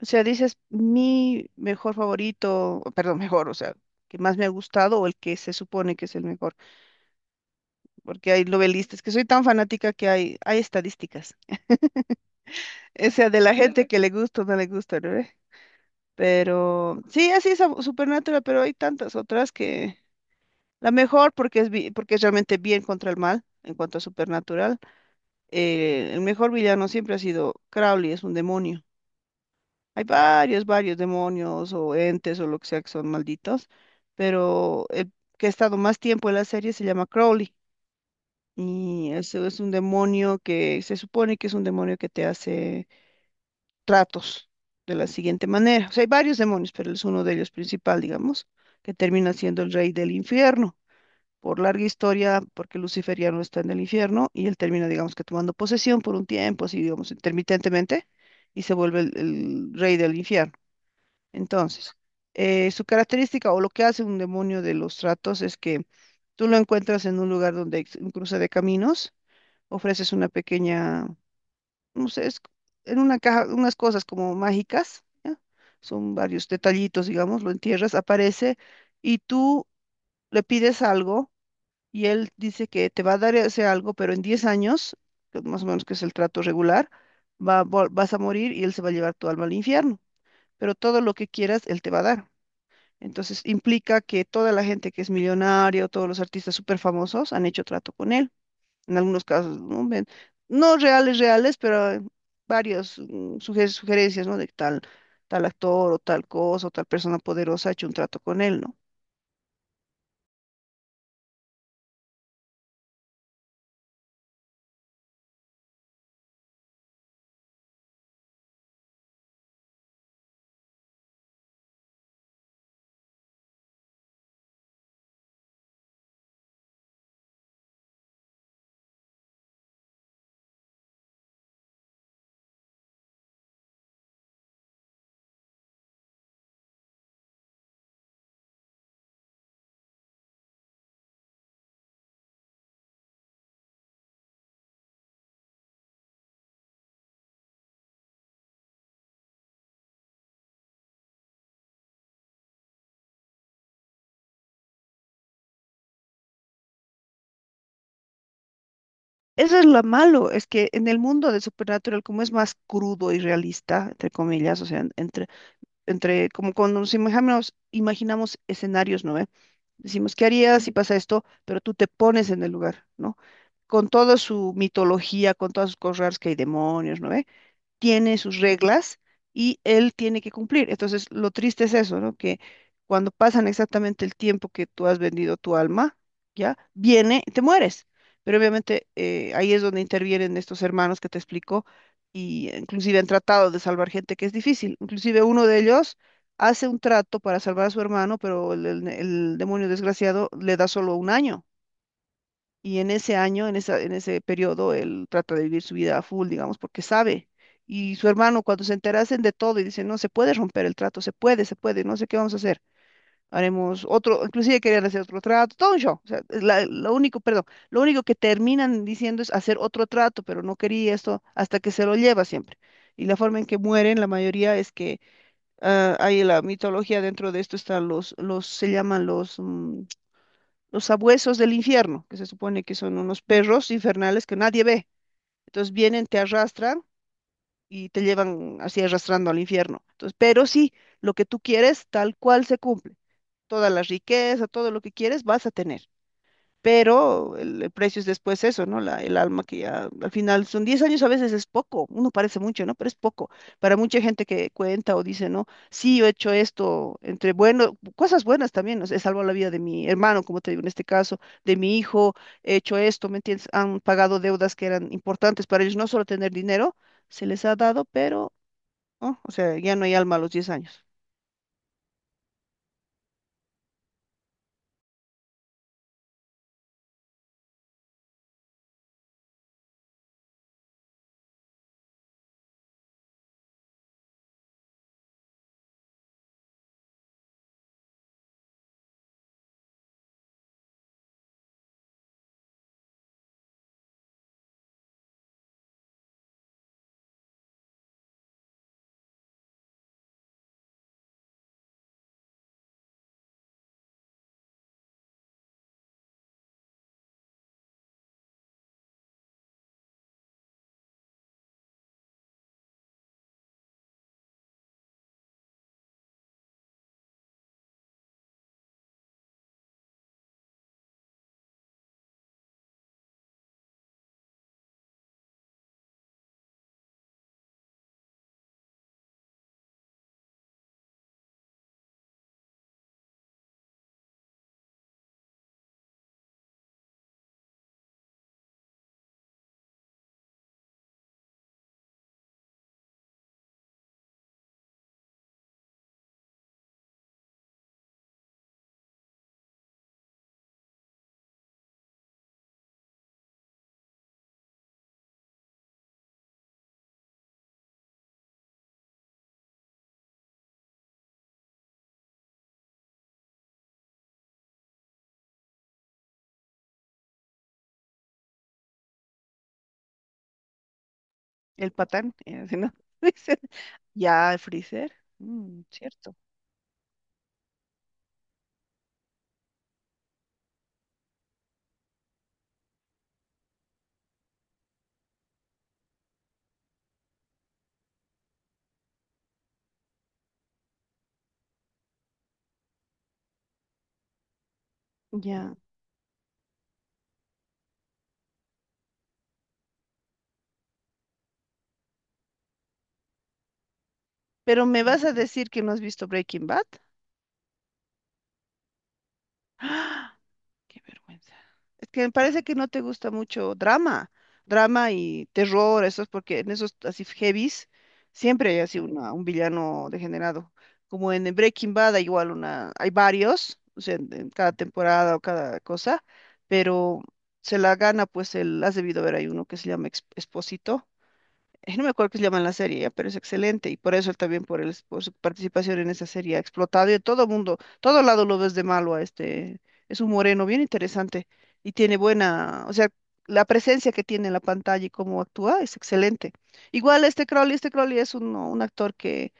O sea, dices mi mejor favorito, perdón, mejor, o sea, que más me ha gustado o el que se supone que es el mejor, porque hay novelistas, que soy tan fanática que hay estadísticas, o sea, de la gente que le gusta o no le gusta, ¿no ve? Pero sí, Supernatural, pero hay tantas otras que la mejor porque es realmente bien contra el mal en cuanto a Supernatural. El mejor villano siempre ha sido Crowley, es un demonio. Hay varios, varios demonios o entes o lo que sea que son malditos, pero el que ha estado más tiempo en la serie se llama Crowley, y eso es un demonio que se supone que es un demonio que te hace tratos de la siguiente manera. O sea, hay varios demonios, pero él es uno de ellos principal, digamos, que termina siendo el rey del infierno. Por larga historia, porque Lucifer ya no está en el infierno y él termina, digamos, que tomando posesión por un tiempo, así digamos, intermitentemente, y se vuelve el rey del infierno. Entonces, su característica o lo que hace un demonio de los tratos es que tú lo encuentras en un lugar donde hay un cruce de caminos, ofreces una pequeña, no sé, es en una caja, unas cosas como mágicas, ¿ya? Son varios detallitos, digamos, lo entierras, aparece y tú le pides algo y él dice que te va a dar ese algo, pero en 10 años, que más o menos que es el trato regular, vas a morir y él se va a llevar tu alma al infierno, pero todo lo que quieras, él te va a dar. Entonces implica que toda la gente que es millonario, todos los artistas súper famosos han hecho trato con él. En algunos casos, no, no reales, reales, pero varias sugerencias, ¿no? De que tal, tal actor o tal cosa o tal persona poderosa ha hecho un trato con él, ¿no? Eso es lo malo, es que en el mundo de Supernatural, como es más crudo y realista, entre comillas, o sea, entre como cuando nos imaginamos escenarios, ¿no ve? Decimos, ¿qué harías si pasa esto? Pero tú te pones en el lugar, ¿no? Con toda su mitología, con todas sus cosas raras que hay demonios, ¿no ve? Tiene sus reglas y él tiene que cumplir. Entonces, lo triste es eso, ¿no? Que cuando pasan exactamente el tiempo que tú has vendido tu alma, ¿ya? Viene, y te mueres. Pero obviamente ahí es donde intervienen estos hermanos que te explico y inclusive han tratado de salvar gente que es difícil. Inclusive uno de ellos hace un trato para salvar a su hermano, pero el demonio desgraciado le da solo un año. Y en ese año, en ese periodo, él trata de vivir su vida a full, digamos, porque sabe. Y su hermano, cuando se enterasen de todo y dicen, no, se puede romper el trato, se puede, no sé qué vamos a hacer. Haremos otro, inclusive querían hacer otro trato, todo un show. O sea, lo único, perdón, lo único que terminan diciendo es hacer otro trato, pero no quería esto hasta que se lo lleva siempre. Y la forma en que mueren, la mayoría es que hay la mitología dentro de esto, están se llaman los sabuesos del infierno, que se supone que son unos perros infernales que nadie ve. Entonces vienen, te arrastran y te llevan así arrastrando al infierno. Entonces, pero sí, lo que tú quieres, tal cual se cumple. Toda la riqueza, todo lo que quieres, vas a tener, pero el precio es después eso, ¿no? El alma que ya al final son 10 años, a veces es poco, uno parece mucho, ¿no? Pero es poco para mucha gente que cuenta o dice, ¿no? Sí, yo he hecho esto, entre bueno, cosas buenas también, ¿no? He salvado la vida de mi hermano, como te digo, en este caso, de mi hijo, he hecho esto, ¿me entiendes? Han pagado deudas que eran importantes para ellos, no solo tener dinero, se les ha dado, pero, oh, o sea, ya no hay alma a los 10 años. El patán, ¿no? Dice, ya, el freezer, cierto, ya. Pero me vas a decir que no has visto Breaking Bad. Qué vergüenza. Es que me parece que no te gusta mucho drama, drama y terror. Eso es porque en esos así heavies siempre hay así una, un villano degenerado. Como en Breaking Bad hay igual una, hay varios, o sea, en cada temporada o cada cosa, pero se la gana, pues el, has debido ver, hay uno que se llama Expósito. No me acuerdo qué se llama la serie, ya, pero es excelente y por eso él también, por su participación en esa serie, ha explotado y todo mundo, todo lado lo ves de malo a este, es un moreno bien interesante y tiene buena, o sea, la presencia que tiene en la pantalla y cómo actúa es excelente. Igual este Crowley es un actor que,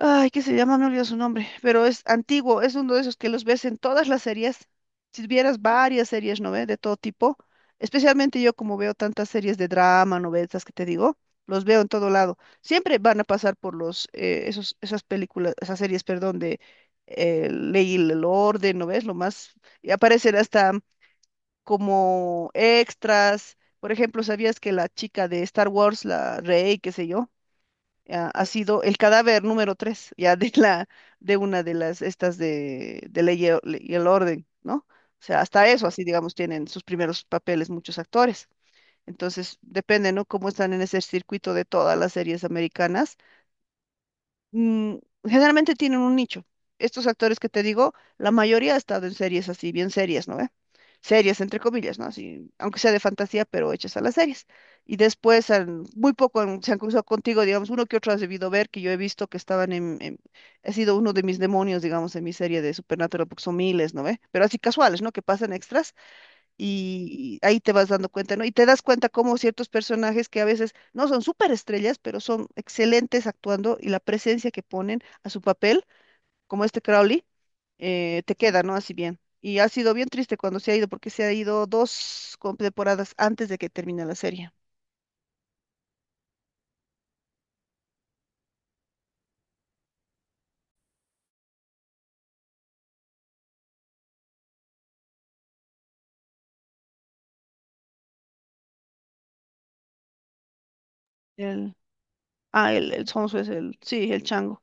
ay, ¿qué se llama? Me olvido su nombre, pero es antiguo, es uno de esos que los ves en todas las series. Si vieras varias series, ¿no ve? De todo tipo. Especialmente yo, como veo tantas series de drama, novelas que te digo, los veo en todo lado. Siempre van a pasar por los, esos, esas películas, esas series, perdón, de Ley y el Orden, ¿no ves? Lo más, y aparecen hasta como extras. Por ejemplo, ¿sabías que la chica de Star Wars, la Rey, qué sé yo? Ha sido el cadáver número tres, ya de la, de una de las estas de, Ley y el Orden, ¿no? O sea, hasta eso, así digamos, tienen sus primeros papeles muchos actores. Entonces, depende, ¿no? Cómo están en ese circuito de todas las series americanas, mm, generalmente tienen un nicho. Estos actores que te digo, la mayoría ha estado en series así, bien serias, ¿no ve? Series, entre comillas, ¿no? Así, aunque sea de fantasía, pero hechas a las series. Y después, muy poco se han cruzado contigo, digamos, uno que otro has debido ver, que yo he visto que estaban en, he sido uno de mis demonios, digamos, en mi serie de Supernatural, porque son miles, ¿no ve? Pero así casuales, ¿no? Que pasan extras y ahí te vas dando cuenta, ¿no? Y te das cuenta cómo ciertos personajes que a veces no son estrellas, pero son excelentes actuando y la presencia que ponen a su papel, como este Crowley, te queda, ¿no? Así bien. Y ha sido bien triste cuando se ha ido, porque se ha ido dos temporadas antes de que termine la serie. El, el Sonso es el, sí, el chango.